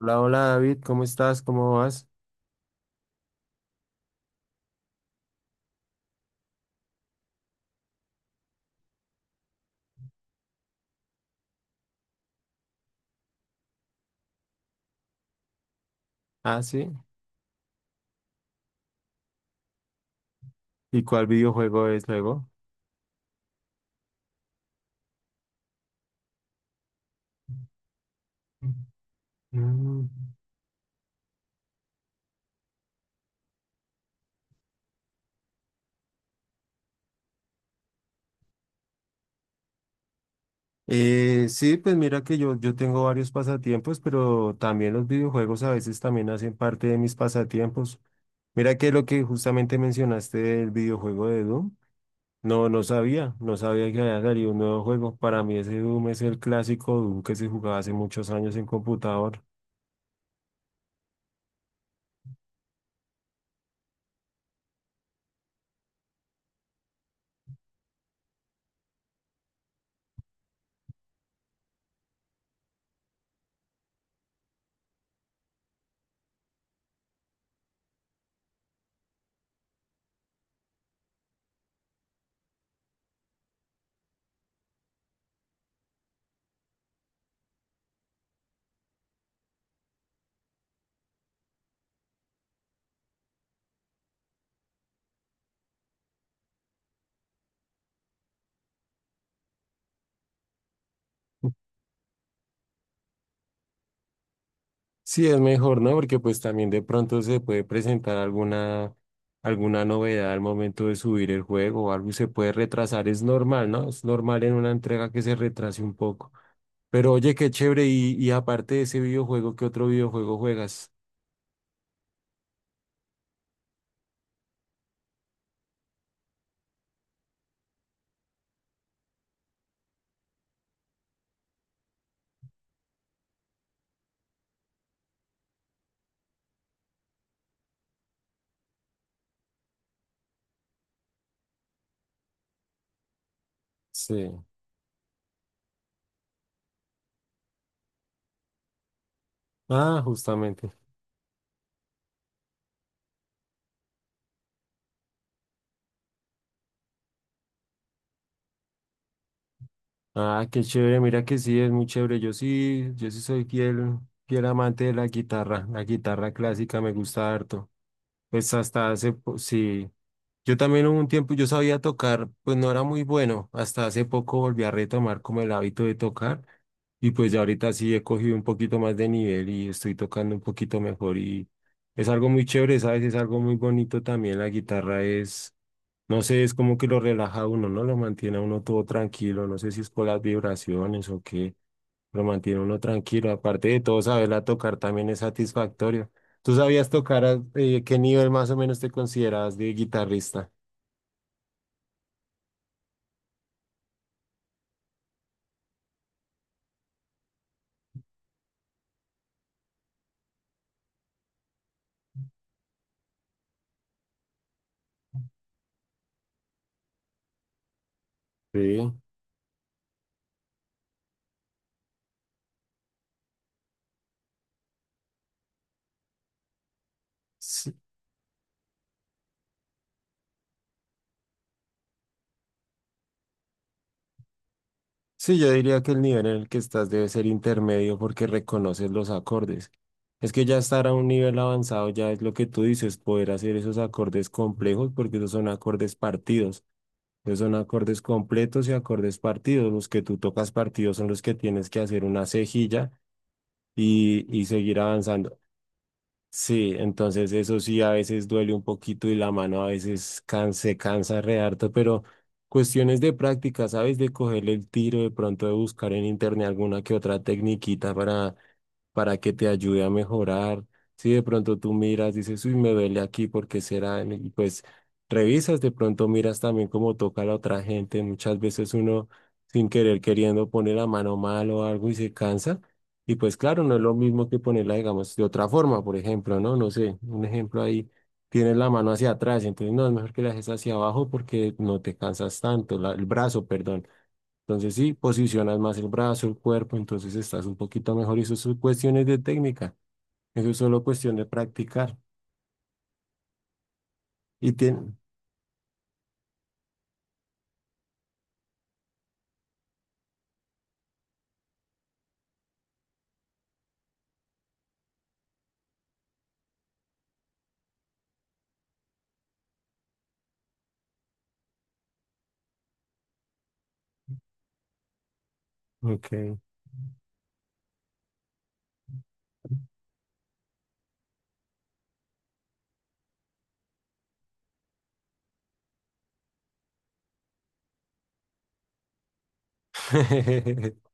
Hola, hola David, ¿cómo estás? ¿Cómo vas? Ah, sí. ¿Y cuál videojuego es luego? Mm. Sí, pues mira que yo tengo varios pasatiempos, pero también los videojuegos a veces también hacen parte de mis pasatiempos. Mira que lo que justamente mencionaste del videojuego de Doom, no sabía, no sabía que había salido un nuevo juego. Para mí ese Doom es el clásico Doom que se jugaba hace muchos años en computador. Sí, es mejor, ¿no? Porque pues también de pronto se puede presentar alguna novedad al momento de subir el juego o algo y se puede retrasar. Es normal, ¿no? Es normal en una entrega que se retrase un poco. Pero oye, qué chévere. Y aparte de ese videojuego, ¿qué otro videojuego juegas? Sí. Ah, justamente. Ah, qué chévere. Mira que sí, es muy chévere. Yo sí soy fiel, fiel amante de la guitarra. La guitarra clásica me gusta harto. Pues hasta sí. Yo también hubo un tiempo, yo sabía tocar, pues no era muy bueno. Hasta hace poco volví a retomar como el hábito de tocar y pues ya ahorita sí he cogido un poquito más de nivel y estoy tocando un poquito mejor y es algo muy chévere, ¿sabes? Es algo muy bonito también. La guitarra es, no sé, es como que lo relaja a uno, ¿no? Lo mantiene a uno todo tranquilo. No sé si es por las vibraciones o qué, lo mantiene a uno tranquilo. Aparte de todo, saberla tocar también es satisfactorio. ¿Tú sabías tocar a qué nivel más o menos te consideras de guitarrista? Sí. Sí, sí, yo diría que el nivel en el que estás debe ser intermedio porque reconoces los acordes. Es que ya estar a un nivel avanzado ya es lo que tú dices, poder hacer esos acordes complejos porque esos son acordes partidos. Esos son acordes completos y acordes partidos. Los que tú tocas partidos son los que tienes que hacer una cejilla y seguir avanzando. Sí, entonces eso sí a veces duele un poquito y la mano a se cansa re harto, pero cuestiones de práctica, ¿sabes? De cogerle el tiro, de pronto de buscar en internet alguna que otra tecniquita para que te ayude a mejorar. Si de pronto tú miras, dices, uy, me duele aquí, ¿porque será? Y pues revisas, de pronto miras también cómo toca la otra gente. Muchas veces uno sin querer queriendo pone la mano mal o algo y se cansa. Y pues claro, no es lo mismo que ponerla, digamos, de otra forma, por ejemplo, ¿no? No sé, un ejemplo ahí, tienes la mano hacia atrás, entonces no, es mejor que la dejes hacia abajo porque no te cansas tanto, el brazo, perdón. Entonces sí, posicionas más el brazo, el cuerpo, entonces estás un poquito mejor y eso son cuestiones de técnica, eso es solo cuestión de practicar. Y tiene... Ok.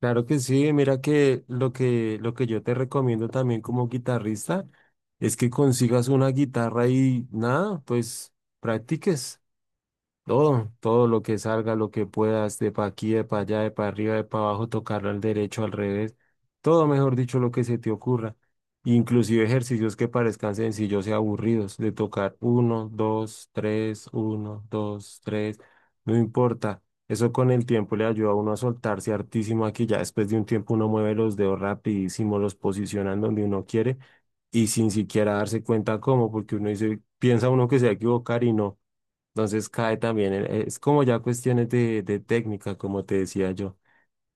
Claro que sí, mira que lo que yo te recomiendo también como guitarrista es que consigas una guitarra y nada, pues practiques. Todo lo que salga, lo que puedas, de pa' aquí, de pa' allá, de pa' arriba, de pa' abajo, tocarlo al derecho, al revés, todo mejor dicho, lo que se te ocurra. Inclusive ejercicios que parezcan sencillos y aburridos, de tocar uno, dos, tres, uno, dos, tres, no importa. Eso con el tiempo le ayuda a uno a soltarse hartísimo aquí, ya después de un tiempo uno mueve los dedos rapidísimo, los posicionan donde uno quiere y sin siquiera darse cuenta cómo, porque uno dice, piensa uno que se va a equivocar y no. Entonces cae también, es como ya cuestiones de técnica, como te decía yo.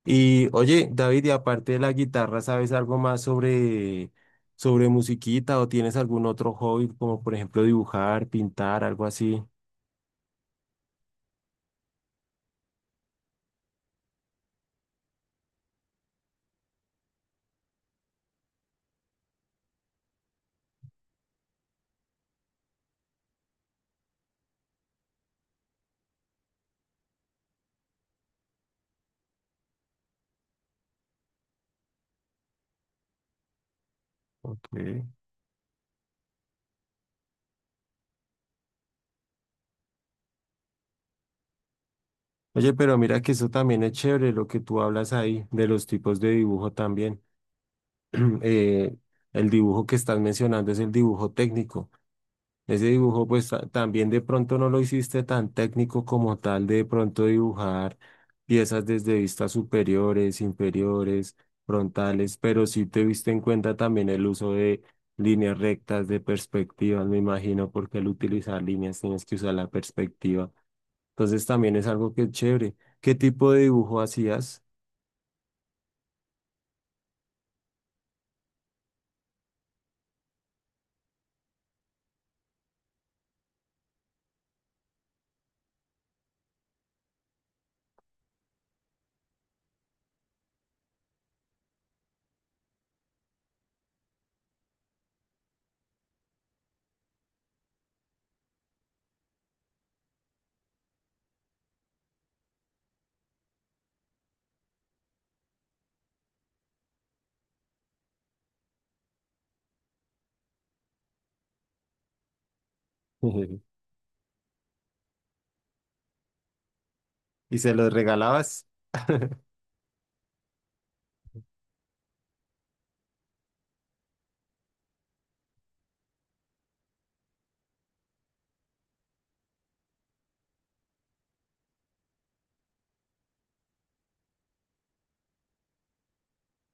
Y oye, David, y aparte de la guitarra, ¿sabes algo más sobre musiquita o tienes algún otro hobby, como por ejemplo dibujar, pintar, algo así? Ok. Oye, pero mira que eso también es chévere lo que tú hablas ahí, de los tipos de dibujo también. Eh, el dibujo que estás mencionando es el dibujo técnico. Ese dibujo, pues también de pronto no lo hiciste tan técnico como tal, de pronto dibujar piezas desde vistas superiores, inferiores, frontales, pero sí te viste en cuenta también el uso de líneas rectas, de perspectivas, me imagino, porque al utilizar líneas tienes que usar la perspectiva. Entonces también es algo que es chévere. ¿Qué tipo de dibujo hacías? ¿Y se los regalabas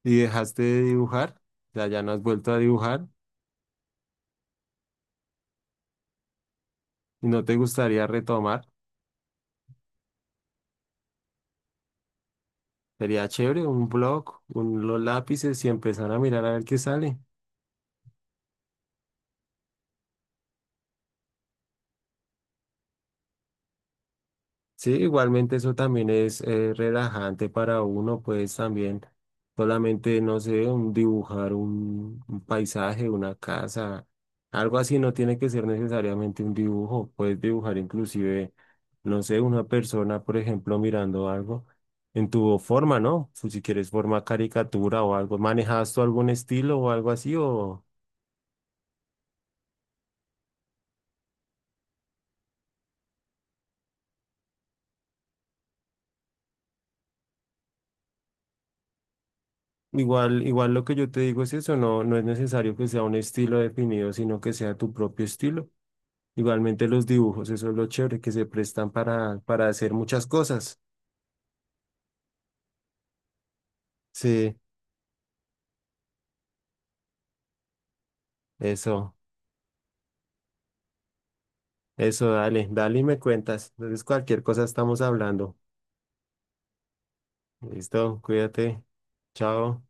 y dejaste de dibujar? O sea, ya no has vuelto a dibujar y no te gustaría retomar. Sería chévere un blog, un, los lápices y empezar a mirar a ver qué sale. Sí, igualmente eso también es relajante para uno, pues también solamente, no sé, un dibujar un paisaje, una casa, algo así no tiene que ser necesariamente un dibujo, puedes dibujar inclusive, no sé, una persona, por ejemplo, mirando algo en tu forma, ¿no? Si quieres forma caricatura o algo, ¿manejas tú algún estilo o algo así o... Igual, igual lo que yo te digo es eso, no, no es necesario que sea un estilo definido, sino que sea tu propio estilo. Igualmente los dibujos, eso es lo chévere, que se prestan para hacer muchas cosas. Sí, eso, eso, dale, dale y me cuentas. Entonces cualquier cosa estamos hablando. Listo, cuídate. Chao.